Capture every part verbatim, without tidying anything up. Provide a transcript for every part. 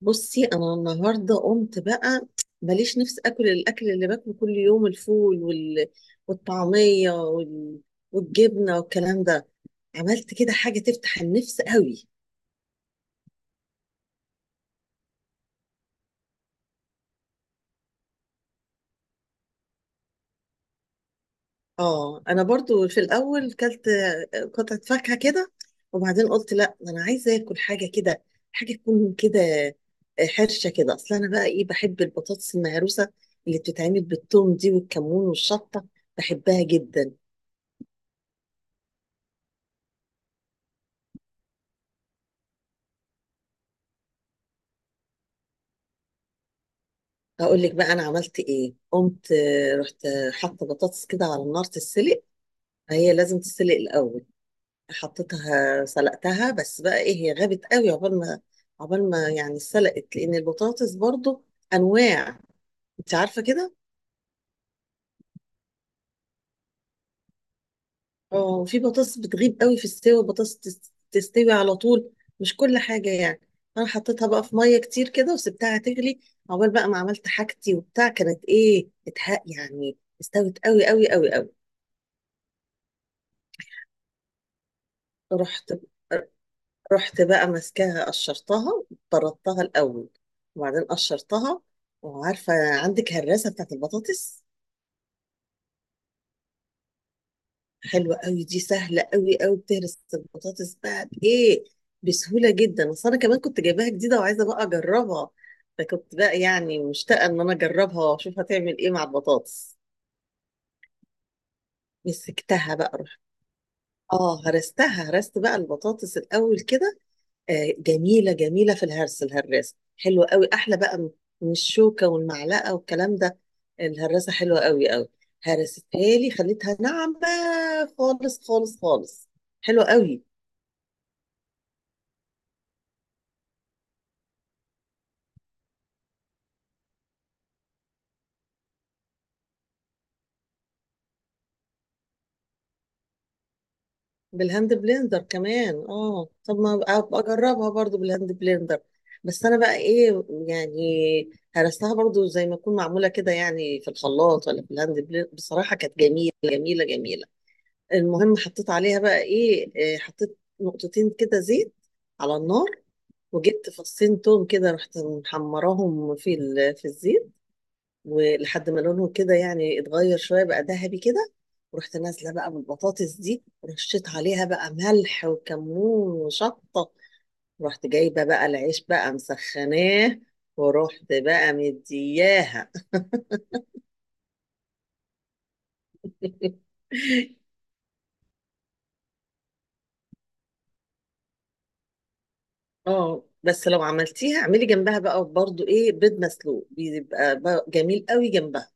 بصي، انا النهارده قمت بقى ماليش نفس اكل الاكل اللي باكله كل يوم: الفول، وال... والطعميه، وال... والجبنه والكلام ده. عملت كده حاجه تفتح النفس قوي. اه، انا برضو في الاول كلت آه، قطعه فاكهه كده. وبعدين قلت لا، ده انا عايزه اكل حاجه كده، حاجه تكون كده آه، حرشه كده. اصل انا بقى ايه، بحب البطاطس المهروسه اللي بتتعمل بالثوم دي والكمون والشطه. بحبها جدا. هقول لك بقى انا عملت ايه. قمت آه، رحت آه، حاطه بطاطس كده على النار تتسلق. هي لازم تتسلق الاول. حطيتها سلقتها. بس بقى ايه، هي غابت قوي عقبال ما عقبال ما يعني اتسلقت، لان البطاطس برضو انواع، انت عارفه كده. اه، في بطاطس بتغيب قوي في السوا، بطاطس تس- تستوي على طول، مش كل حاجه يعني. انا حطيتها بقى في ميه كتير كده وسبتها تغلي عقبال بقى ما عملت حاجتي وبتاع. كانت ايه، اتحق يعني، استوت قوي قوي قوي قوي. رحت رحت بقى ماسكاها قشرتها، طردتها الاول، وبعدين قشرتها. وعارفه عندك هراسه بتاعت البطاطس؟ حلوه قوي دي، سهله قوي قوي، بتهرس البطاطس بقى بايه، بسهوله جدا. اصل انا كمان كنت جايباها جديده وعايزه بقى اجربها. فكنت بقى يعني مشتاقه ان انا اجربها واشوف هتعمل ايه مع البطاطس. مسكتها بقى رحت اه هرستها، هرست بقى البطاطس الاول كده آه، جميله جميله في الهرس. الهراسه حلوه قوي، احلى بقى من من الشوكه والمعلقه والكلام ده. الهراسه حلوه قوي قوي. هرستها لي خليتها ناعمه خالص خالص خالص، حلوه قوي. بالهاند بلندر كمان؟ اه، طب ما أبقى اجربها برضو بالهاند بلندر. بس انا بقى ايه يعني، هرستها برضو زي ما تكون معموله كده يعني في الخلاط ولا في الهاند بلندر. بصراحه كانت جميله جميله جميله. المهم، حطيت عليها بقى ايه، إيه، حطيت نقطتين كده زيت على النار، وجبت فصين توم كده، رحت محمراهم في ال- في الزيت، ولحد ما لونهم كده يعني اتغير شويه بقى ذهبي كده، ورحت نازله بقى بالبطاطس دي ورشيت عليها بقى ملح وكمون وشطه، ورحت جايبه بقى العيش بقى مسخناه، ورحت بقى مدياها. اه، بس لو عملتيها، اعملي جنبها بقى برضو ايه، بيض مسلوق. بيبقى بقى جميل قوي جنبها.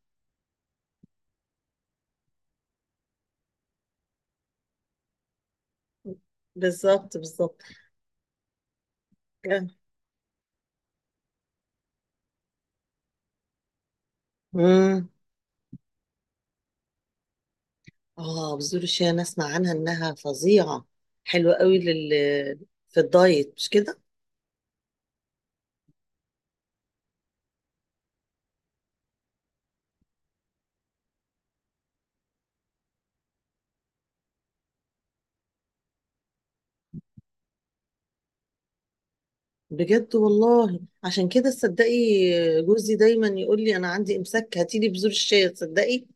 بالظبط بالظبط. امم. اه، بذور الشيا انا اسمع عنها انها فظيعه، حلوه قوي لل في الدايت، مش كده؟ بجد، والله عشان كده، تصدقي جوزي دايما يقول لي انا عندي امساك، هاتي لي بذور الشيا، تصدقي.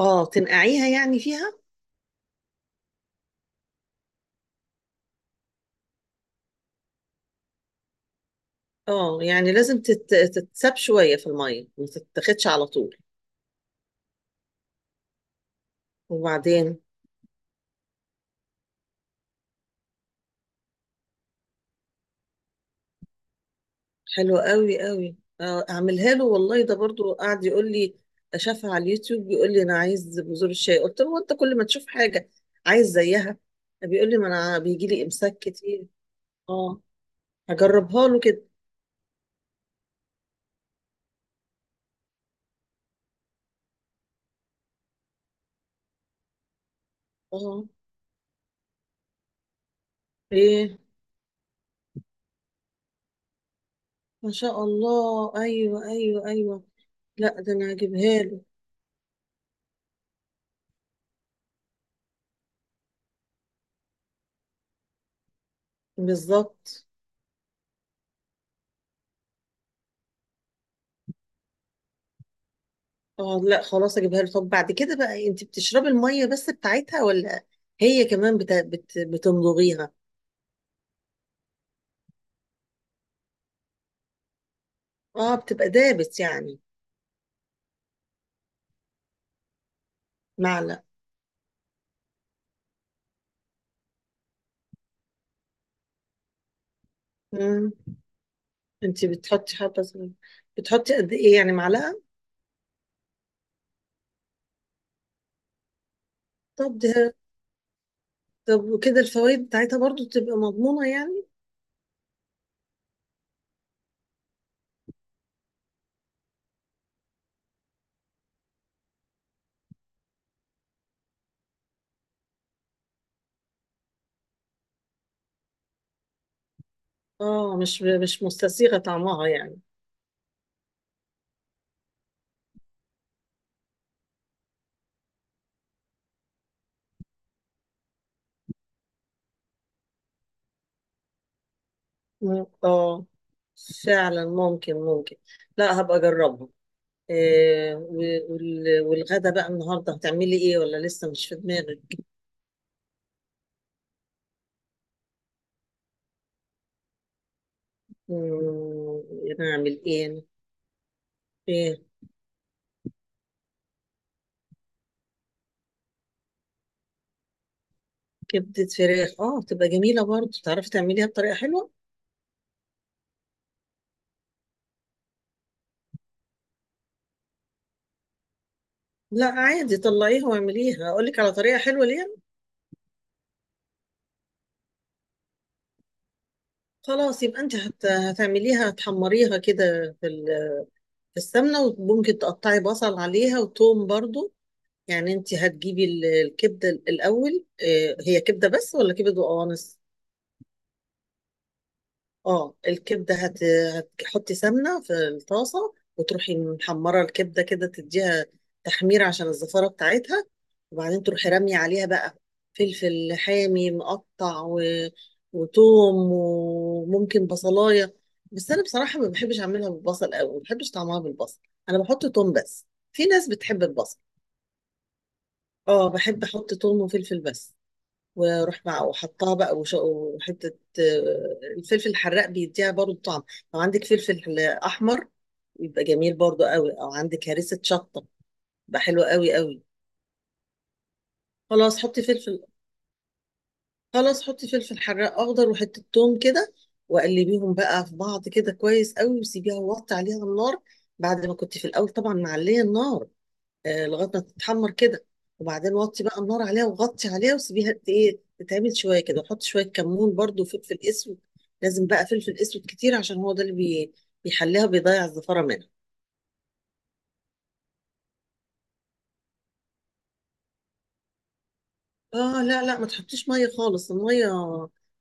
اه تنقعيها يعني فيها. اه، يعني لازم تت... تتساب شويه في الميه، ما تتاخدش على طول. وبعدين حلو قوي قوي، آه، اعملها له والله، ده برضو قاعد يقول لي، شافها على اليوتيوب بيقول لي انا عايز بذور الشاي. قلت له انت كل ما تشوف حاجه عايز زيها. بيقول لي ما انا بيجي لي امساك كتير. اه، هجربها له كده. اه. ايه، ما شاء الله! ايوه، ايوه، ايوه. لا، ده انا هجيبها له. بالظبط. اه لا، خلاص اجيبها له. طب بعد كده بقى، انت بتشربي الميه بس بتاعتها، ولا هي كمان بت... بت... بتمضغيها؟ اه، بتبقى دابت يعني. معلقه. مم. انتي بتحطي حبة صغيرة، بتحطي قد ايه، يعني معلقة؟ طب ده طب وكده الفوائد بتاعتها برضو تبقى مضمونة يعني؟ اه مش مش مستسيغة طعمها يعني. مم. اه، فعلا، ممكن ممكن. لا، هبقى اجربها. إيه، و- وال- والغدا بقى النهارده هتعملي ايه، ولا لسه مش في دماغك؟ مم، نعمل ايه؟ ايه؟ كبدة فراخ؟ اه، تبقى جميلة برضو، تعرفي تعمليها بطريقة حلوة. لا، عادي طلعيها واعمليها، اقول لك على طريقه حلوه. خلاص، يبقى انت هت... هتعمليها، هتحمريها كده في, ال... في السمنه، وممكن تقطعي بصل عليها وتوم برضو. يعني انت هتجيبي ال- الكبده الاول، آه، هي كبده بس، ولا كبده وقوانص؟ اه، الكبدة هت... هتحطي سمنة في الطاسة، وتروحي محمرة الكبدة كده، تديها تحمير عشان الزفارة بتاعتها. وبعدين تروحي رامية عليها بقى فلفل حامي مقطع و... وتوم، وممكن بصلاية. بس أنا بصراحة ما بحبش أعملها بالبصل أوي، ما بحبش طعمها بالبصل، أنا بحط توم بس. في ناس بتحب البصل. اه، بحب أحط توم وفلفل بس. واروح مع وحطها بقى وش- وحته. آه، الفلفل الحراق بيديها برضو طعم. لو عندك فلفل احمر، يبقى جميل برضو قوي، او عندك هريسه شطه، يبقى حلو قوي قوي. خلاص حطي فلفل خلاص، حطي فلفل حراق اخضر وحته ثوم كده، وقلبيهم بقى في بعض كده كويس قوي، وسيبيها ووطي عليها النار، بعد ما كنت في الاول طبعا معليه النار، آه، لغايه ما تتحمر كده. وبعدين وطي بقى النار عليها وغطي عليها، وسيبيها ت- ايه تتعمل شويه كده، وحط شويه كمون برضو وفلفل اسود. لازم بقى فلفل اسود كتير، عشان هو ده اللي بي... بيحليها، بيضيع الزفاره منها. اه لا لا، ما تحطيش ميه خالص، الميه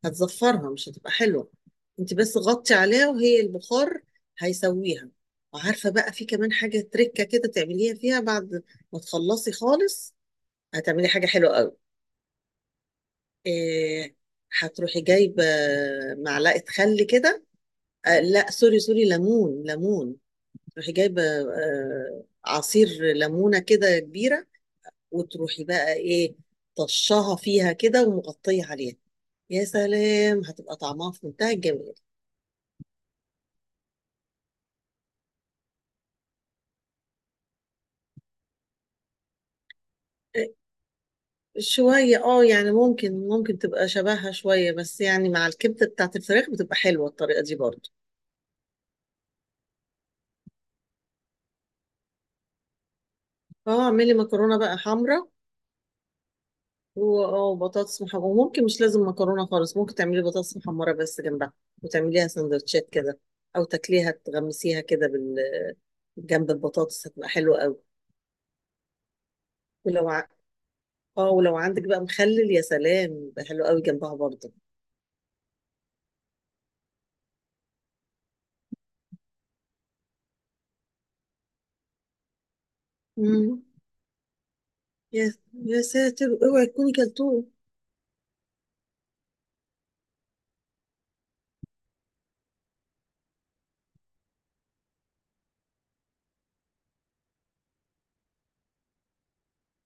هتزفرها، مش هتبقى حلوه. انت بس غطي عليها وهي البخار هيسويها. وعارفه بقى في كمان حاجه تركه كده تعمليها فيها بعد ما تخلصي خالص، هتعملي حاجه حلوه قوي. إيه، هتروحي جايبة معلقة خل كده. آه لا، سوري سوري، ليمون ليمون. تروحي جايبة آه عصير ليمونة كده كبيرة، وتروحي بقى ايه طشها فيها كده ومغطية عليها، يا سلام هتبقى طعمها في منتهى الجمال. آه، شوية، اه يعني، ممكن ممكن تبقى شبهها شوية، بس يعني مع الكبدة بتاعت الفراخ بتبقى حلوة الطريقة دي برضه. اه، اعملي مكرونة بقى حمرا. هو اه، بطاطس محمرة، وممكن مش لازم مكرونة خالص، ممكن تعملي بطاطس محمرة بس جنبها، وتعمليها سندوتشات كده، أو تاكليها تغمسيها كده بال... جنب البطاطس، هتبقى حلوة قوي. ولو ع... اه ولو عندك بقى مخلل، يا سلام، يبقى حلو قوي جنبها برضه. مم. يا يا ساتر، اوعي تكوني كلتوه!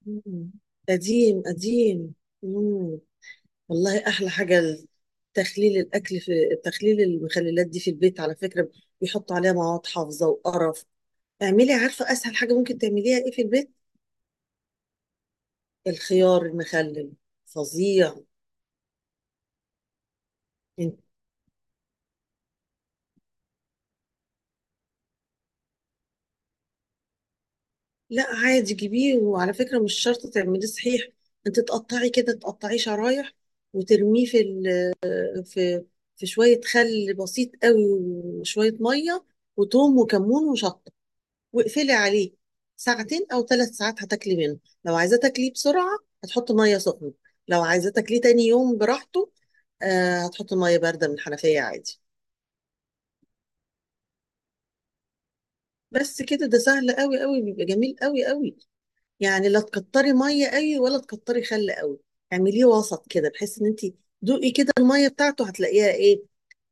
مم. قديم قديم. مم. والله، أحلى حاجة ال- تخليل الأكل في تخليل المخللات دي في البيت على فكرة. بيحطوا عليها مواد حافظة وقرف. اعملي، عارفه اسهل حاجه ممكن تعمليها ايه في البيت؟ الخيار المخلل، فظيع. انت لا عادي، جيبيه، وعلى فكره مش شرط تعمليه صحيح. انت تقطعي كده، تقطعيه شرايح، وترميه في ال... في في شويه خل بسيط قوي وشويه ميه، وتوم وكمون وشطه، واقفلي عليه ساعتين او ثلاث ساعات، هتاكلي منه. لو عايزاه تاكليه بسرعه، هتحطي ميه سخنه. لو عايزاه تاكليه تاني يوم براحته، آه، هتحطي ميه بارده من الحنفيه عادي. بس كده. ده سهل قوي قوي، بيبقى جميل قوي قوي. يعني لا تكتري ميه قوي ولا تكتري خل قوي، اعمليه وسط كده، بحيث ان انت دوقي كده الميه بتاعته، هتلاقيها ايه،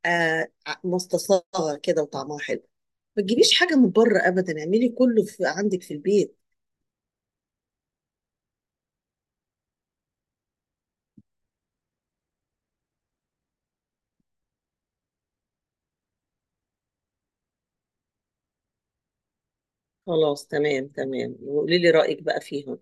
آه آه، مستصاغه كده وطعمها حلو. ما تجيبيش حاجه من بره ابدا، اعملي كله في عندك في البيت. خلاص تمام تمام، وقولي لي رايك بقى فيها.